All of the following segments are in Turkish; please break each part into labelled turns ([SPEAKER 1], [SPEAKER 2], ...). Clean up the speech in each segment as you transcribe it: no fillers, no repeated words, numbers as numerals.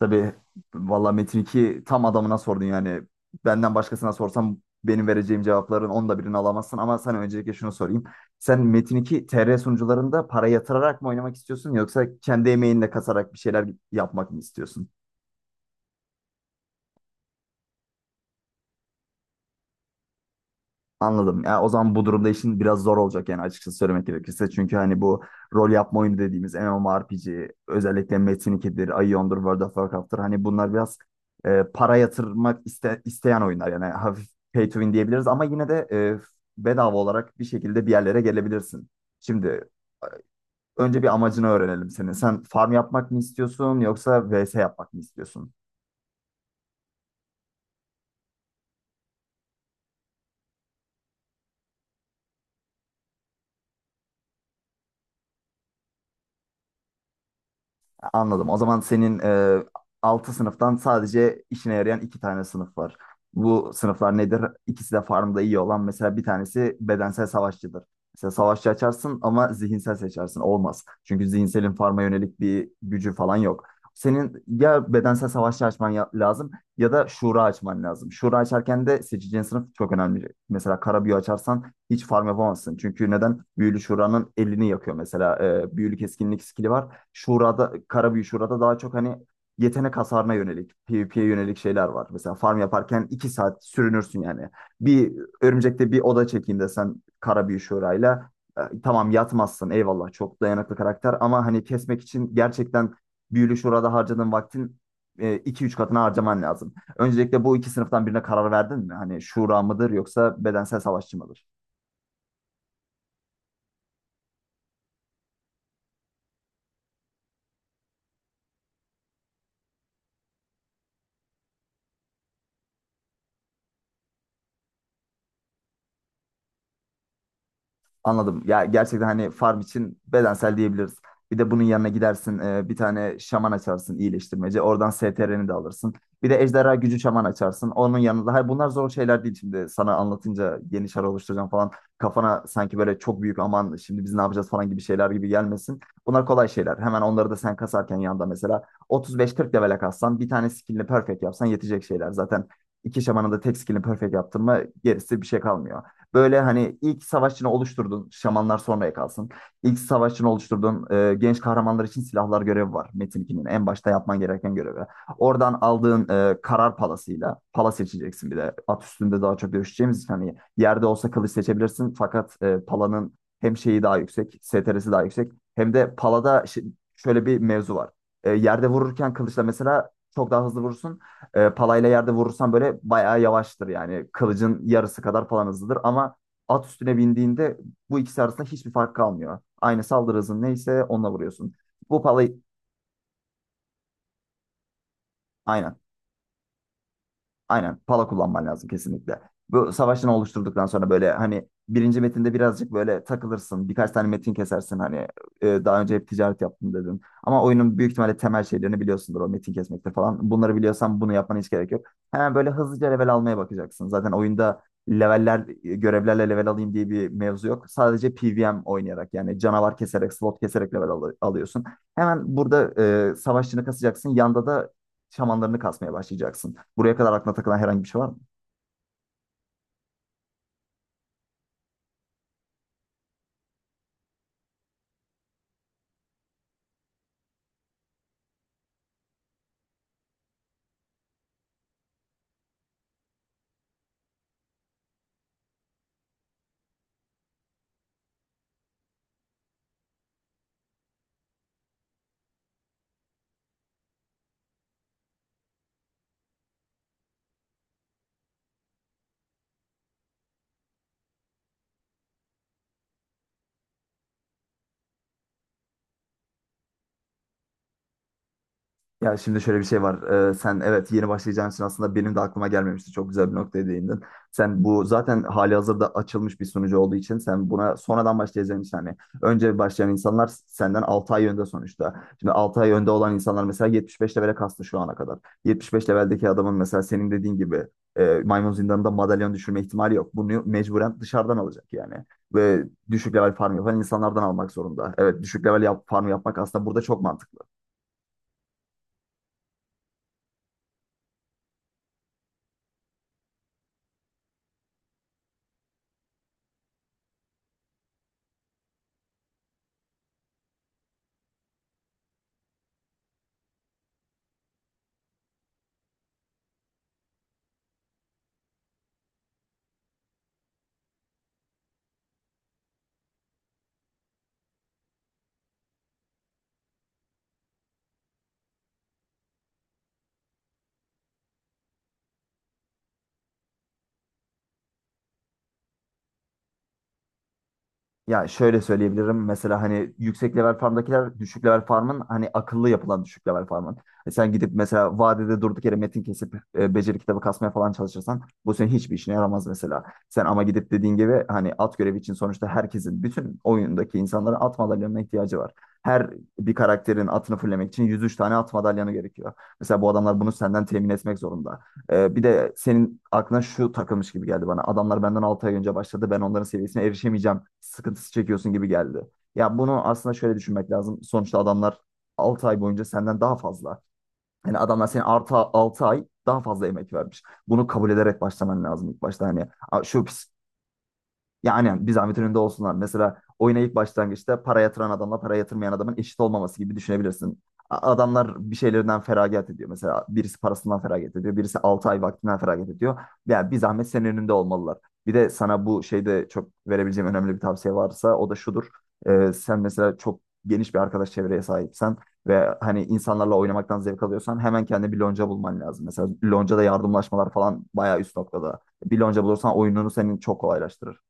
[SPEAKER 1] Tabii valla Metin 2 tam adamına sordun yani. Benden başkasına sorsam benim vereceğim cevapların onda birini alamazsın. Ama sana öncelikle şunu sorayım. Sen Metin 2 TR sunucularında para yatırarak mı oynamak istiyorsun yoksa kendi emeğinle kasarak bir şeyler yapmak mı istiyorsun? Anladım. Ya o zaman bu durumda işin biraz zor olacak yani açıkçası söylemek gerekirse. Çünkü hani bu rol yapma oyunu dediğimiz MMORPG, özellikle Metin 2'dir, Aion'dur, World of Warcraft'tır. Hani bunlar biraz para yatırmak isteyen oyunlar. Yani hafif pay to win diyebiliriz ama yine de bedava olarak bir şekilde bir yerlere gelebilirsin. Şimdi önce bir amacını öğrenelim senin. Sen farm yapmak mı istiyorsun yoksa VS yapmak mı istiyorsun? Anladım. O zaman senin 6 sınıftan sadece işine yarayan 2 tane sınıf var. Bu sınıflar nedir? İkisi de farmda iyi olan. Mesela bir tanesi bedensel savaşçıdır. Mesela savaşçı açarsın ama zihinsel seçersin. Olmaz. Çünkü zihinselin farma yönelik bir gücü falan yok. Senin ya bedensel savaşçı açman lazım ya da şura açman lazım. Şura açarken de seçeceğin sınıf çok önemli. Mesela kara büyü açarsan hiç farm yapamazsın. Çünkü neden? Büyülü şuranın elini yakıyor mesela. Büyülü keskinlik skili var. Şurada, Karabüyü Şurada daha çok hani yetenek hasarına yönelik, PvP'ye yönelik şeyler var. Mesela farm yaparken 2 saat sürünürsün yani. Bir örümcekte bir oda çekeyim desen Karabüyü Şura'yla tamam yatmazsın, eyvallah çok dayanıklı karakter ama hani kesmek için gerçekten Büyülü Şura'da harcadığın vaktin iki üç katına harcaman lazım. Öncelikle bu iki sınıftan birine karar verdin mi? Hani şura mıdır yoksa bedensel savaşçı mıdır? Anladım. Ya gerçekten hani farm için bedensel diyebiliriz. Bir de bunun yanına gidersin bir tane şaman açarsın iyileştirmeci. Oradan STR'ni de alırsın. Bir de ejderha gücü şaman açarsın. Onun yanında. Hayır bunlar zor şeyler değil şimdi. Sana anlatınca yeni şar oluşturacağım falan. Kafana sanki böyle çok büyük aman şimdi biz ne yapacağız falan gibi şeyler gibi gelmesin. Bunlar kolay şeyler. Hemen onları da sen kasarken yanında mesela 35-40 level'e kassan bir tane skillini perfect yapsan yetecek şeyler. Zaten iki şamanın da tek skillini perfect yaptın mı gerisi bir şey kalmıyor. Böyle hani ilk savaşçını oluşturdun. Şamanlar sonraya kalsın. İlk savaşçını oluşturdun. Genç kahramanlar için silahlar görevi var. Metin 2'nin en başta yapman gereken görevi. Oradan aldığın karar palasıyla pala seçeceksin bir de. At üstünde daha çok dövüşeceğimiz için hani yerde olsa kılıç seçebilirsin. Fakat palanın hem şeyi daha yüksek, STR'si daha yüksek. Hem de palada şöyle bir mevzu var. Yerde vururken kılıçla mesela çok daha hızlı vurursun. Palayla yerde vurursan böyle bayağı yavaştır yani. Kılıcın yarısı kadar falan hızlıdır ama at üstüne bindiğinde bu ikisi arasında hiçbir fark kalmıyor. Aynı saldırı hızın neyse onunla vuruyorsun. Bu palayı, aynen. Aynen pala kullanman lazım kesinlikle. Bu savaşını oluşturduktan sonra böyle hani birinci metinde birazcık böyle takılırsın. Birkaç tane metin kesersin hani daha önce hep ticaret yaptım dedin. Ama oyunun büyük ihtimalle temel şeylerini biliyorsundur o metin kesmekte falan. Bunları biliyorsan bunu yapmana hiç gerek yok. Hemen böyle hızlıca level almaya bakacaksın. Zaten oyunda leveller, görevlerle level alayım diye bir mevzu yok. Sadece PvM oynayarak yani canavar keserek, slot keserek level alıyorsun. Hemen burada savaşçını kasacaksın. Yanda da şamanlarını kasmaya başlayacaksın. Buraya kadar aklına takılan herhangi bir şey var mı? Ya şimdi şöyle bir şey var. Sen evet, yeni başlayacağın için aslında benim de aklıma gelmemişti. Çok güzel bir noktaya değindin. Sen bu zaten hali hazırda açılmış bir sunucu olduğu için, sen buna sonradan başlayacağın için hani önce başlayan insanlar senden 6 ay önde sonuçta. Şimdi 6 ay önde olan insanlar mesela 75 levele kastı şu ana kadar. 75 leveldeki adamın mesela senin dediğin gibi maymun zindanında madalyon düşürme ihtimali yok. Bunu mecburen dışarıdan alacak yani. Ve düşük level farm yapan insanlardan almak zorunda. Evet düşük level farm yapmak aslında burada çok mantıklı. Ya şöyle söyleyebilirim. Mesela hani yüksek level farmdakiler düşük level farmın hani akıllı yapılan düşük level farmın. Sen gidip mesela vadede durduk yere metin kesip beceri kitabı kasmaya falan çalışırsan bu senin hiçbir işine yaramaz mesela. Sen ama gidip dediğin gibi hani at görevi için sonuçta herkesin, bütün oyundaki insanlara at madalyanına ihtiyacı var. Her bir karakterin atını fullemek için 103 tane at madalyanı gerekiyor. Mesela bu adamlar bunu senden temin etmek zorunda. Bir de senin aklına şu takılmış gibi geldi bana. Adamlar benden 6 ay önce başladı. Ben onların seviyesine erişemeyeceğim. Sıkıntısı çekiyorsun gibi geldi. Ya bunu aslında şöyle düşünmek lazım. Sonuçta adamlar 6 ay boyunca senden daha fazla. Yani adamlar senin artı 6 ay daha fazla emek vermiş. Bunu kabul ederek başlaman lazım ilk başta. Hani, "Aa, şu", yani bir zahmet önünde olsunlar. Mesela oyuna ilk başlangıçta para yatıran adamla para yatırmayan adamın eşit olmaması gibi düşünebilirsin. Adamlar bir şeylerinden feragat ediyor. Mesela birisi parasından feragat ediyor. Birisi 6 ay vaktinden feragat ediyor. Yani bir zahmet senin önünde olmalılar. Bir de sana bu şeyde çok verebileceğim önemli bir tavsiye varsa o da şudur. Sen mesela çok geniş bir arkadaş çevreye sahipsen ve hani insanlarla oynamaktan zevk alıyorsan hemen kendine bir lonca bulman lazım. Mesela loncada yardımlaşmalar falan bayağı üst noktada. Bir lonca bulursan oyununu senin çok kolaylaştırır.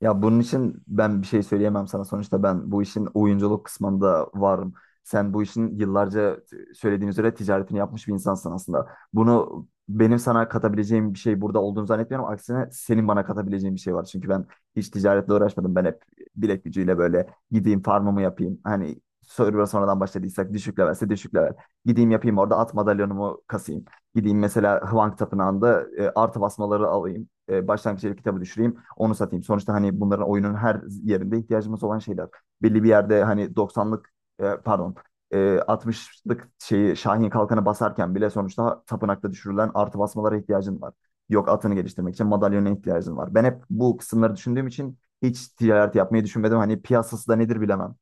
[SPEAKER 1] Ya bunun için ben bir şey söyleyemem sana. Sonuçta ben bu işin oyunculuk kısmında varım. Sen bu işin yıllarca söylediğin üzere ticaretini yapmış bir insansın aslında. Bunu benim sana katabileceğim bir şey burada olduğunu zannetmiyorum. Aksine senin bana katabileceğin bir şey var. Çünkü ben hiç ticaretle uğraşmadım. Ben hep bilek gücüyle böyle gideyim farmımı yapayım. Hani server'a sonradan başladıysak düşük levelse düşük level. Gideyim yapayım orada at madalyonumu kasayım. Gideyim mesela Hwang Tapınağı'nda artı basmaları alayım, başlangıç ev kitabı düşüreyim, onu satayım. Sonuçta hani bunların oyunun her yerinde ihtiyacımız olan şeyler. Belli bir yerde hani doksanlık, pardon, e, 60'lık şeyi Şahin kalkanı basarken bile sonuçta tapınakta düşürülen artı basmalara ihtiyacın var. Yok, atını geliştirmek için madalyona ihtiyacın var. Ben hep bu kısımları düşündüğüm için hiç ticaret yapmayı düşünmedim. Hani piyasası da nedir bilemem.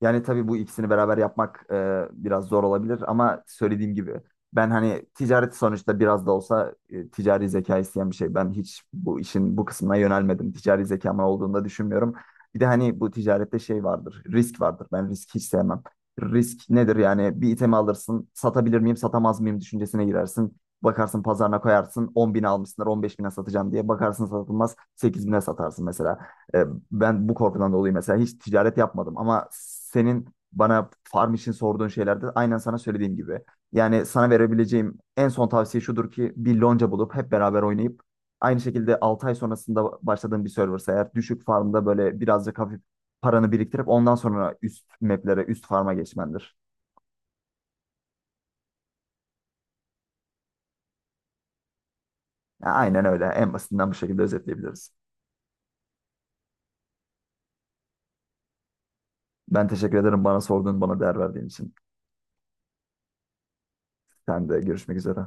[SPEAKER 1] Yani tabii bu ikisini beraber yapmak biraz zor olabilir ama söylediğim gibi ben hani ticaret sonuçta biraz da olsa ticari zeka isteyen bir şey. Ben hiç bu işin bu kısmına yönelmedim. Ticari zekamın olduğunu da düşünmüyorum. Bir de hani bu ticarette şey vardır, risk vardır. Ben risk hiç sevmem. Risk nedir yani, bir itemi alırsın, satabilir miyim, satamaz mıyım düşüncesine girersin. Bakarsın pazarına koyarsın, 10 bin almışsınlar, 15 bine satacağım diye. Bakarsın satılmaz, 8 bine satarsın mesela. E, Ben bu korkudan dolayı mesela hiç ticaret yapmadım ama senin bana farm için sorduğun şeylerde aynen sana söylediğim gibi. Yani sana verebileceğim en son tavsiye şudur ki bir lonca bulup hep beraber oynayıp aynı şekilde 6 ay sonrasında başladığın bir serversa eğer, düşük farmda böyle birazcık hafif paranı biriktirip ondan sonra üst maplere, üst farma geçmendir. Ya aynen öyle. En basitinden bu şekilde özetleyebiliriz. Ben teşekkür ederim bana sorduğun, bana değer verdiğin için. Sen de görüşmek üzere.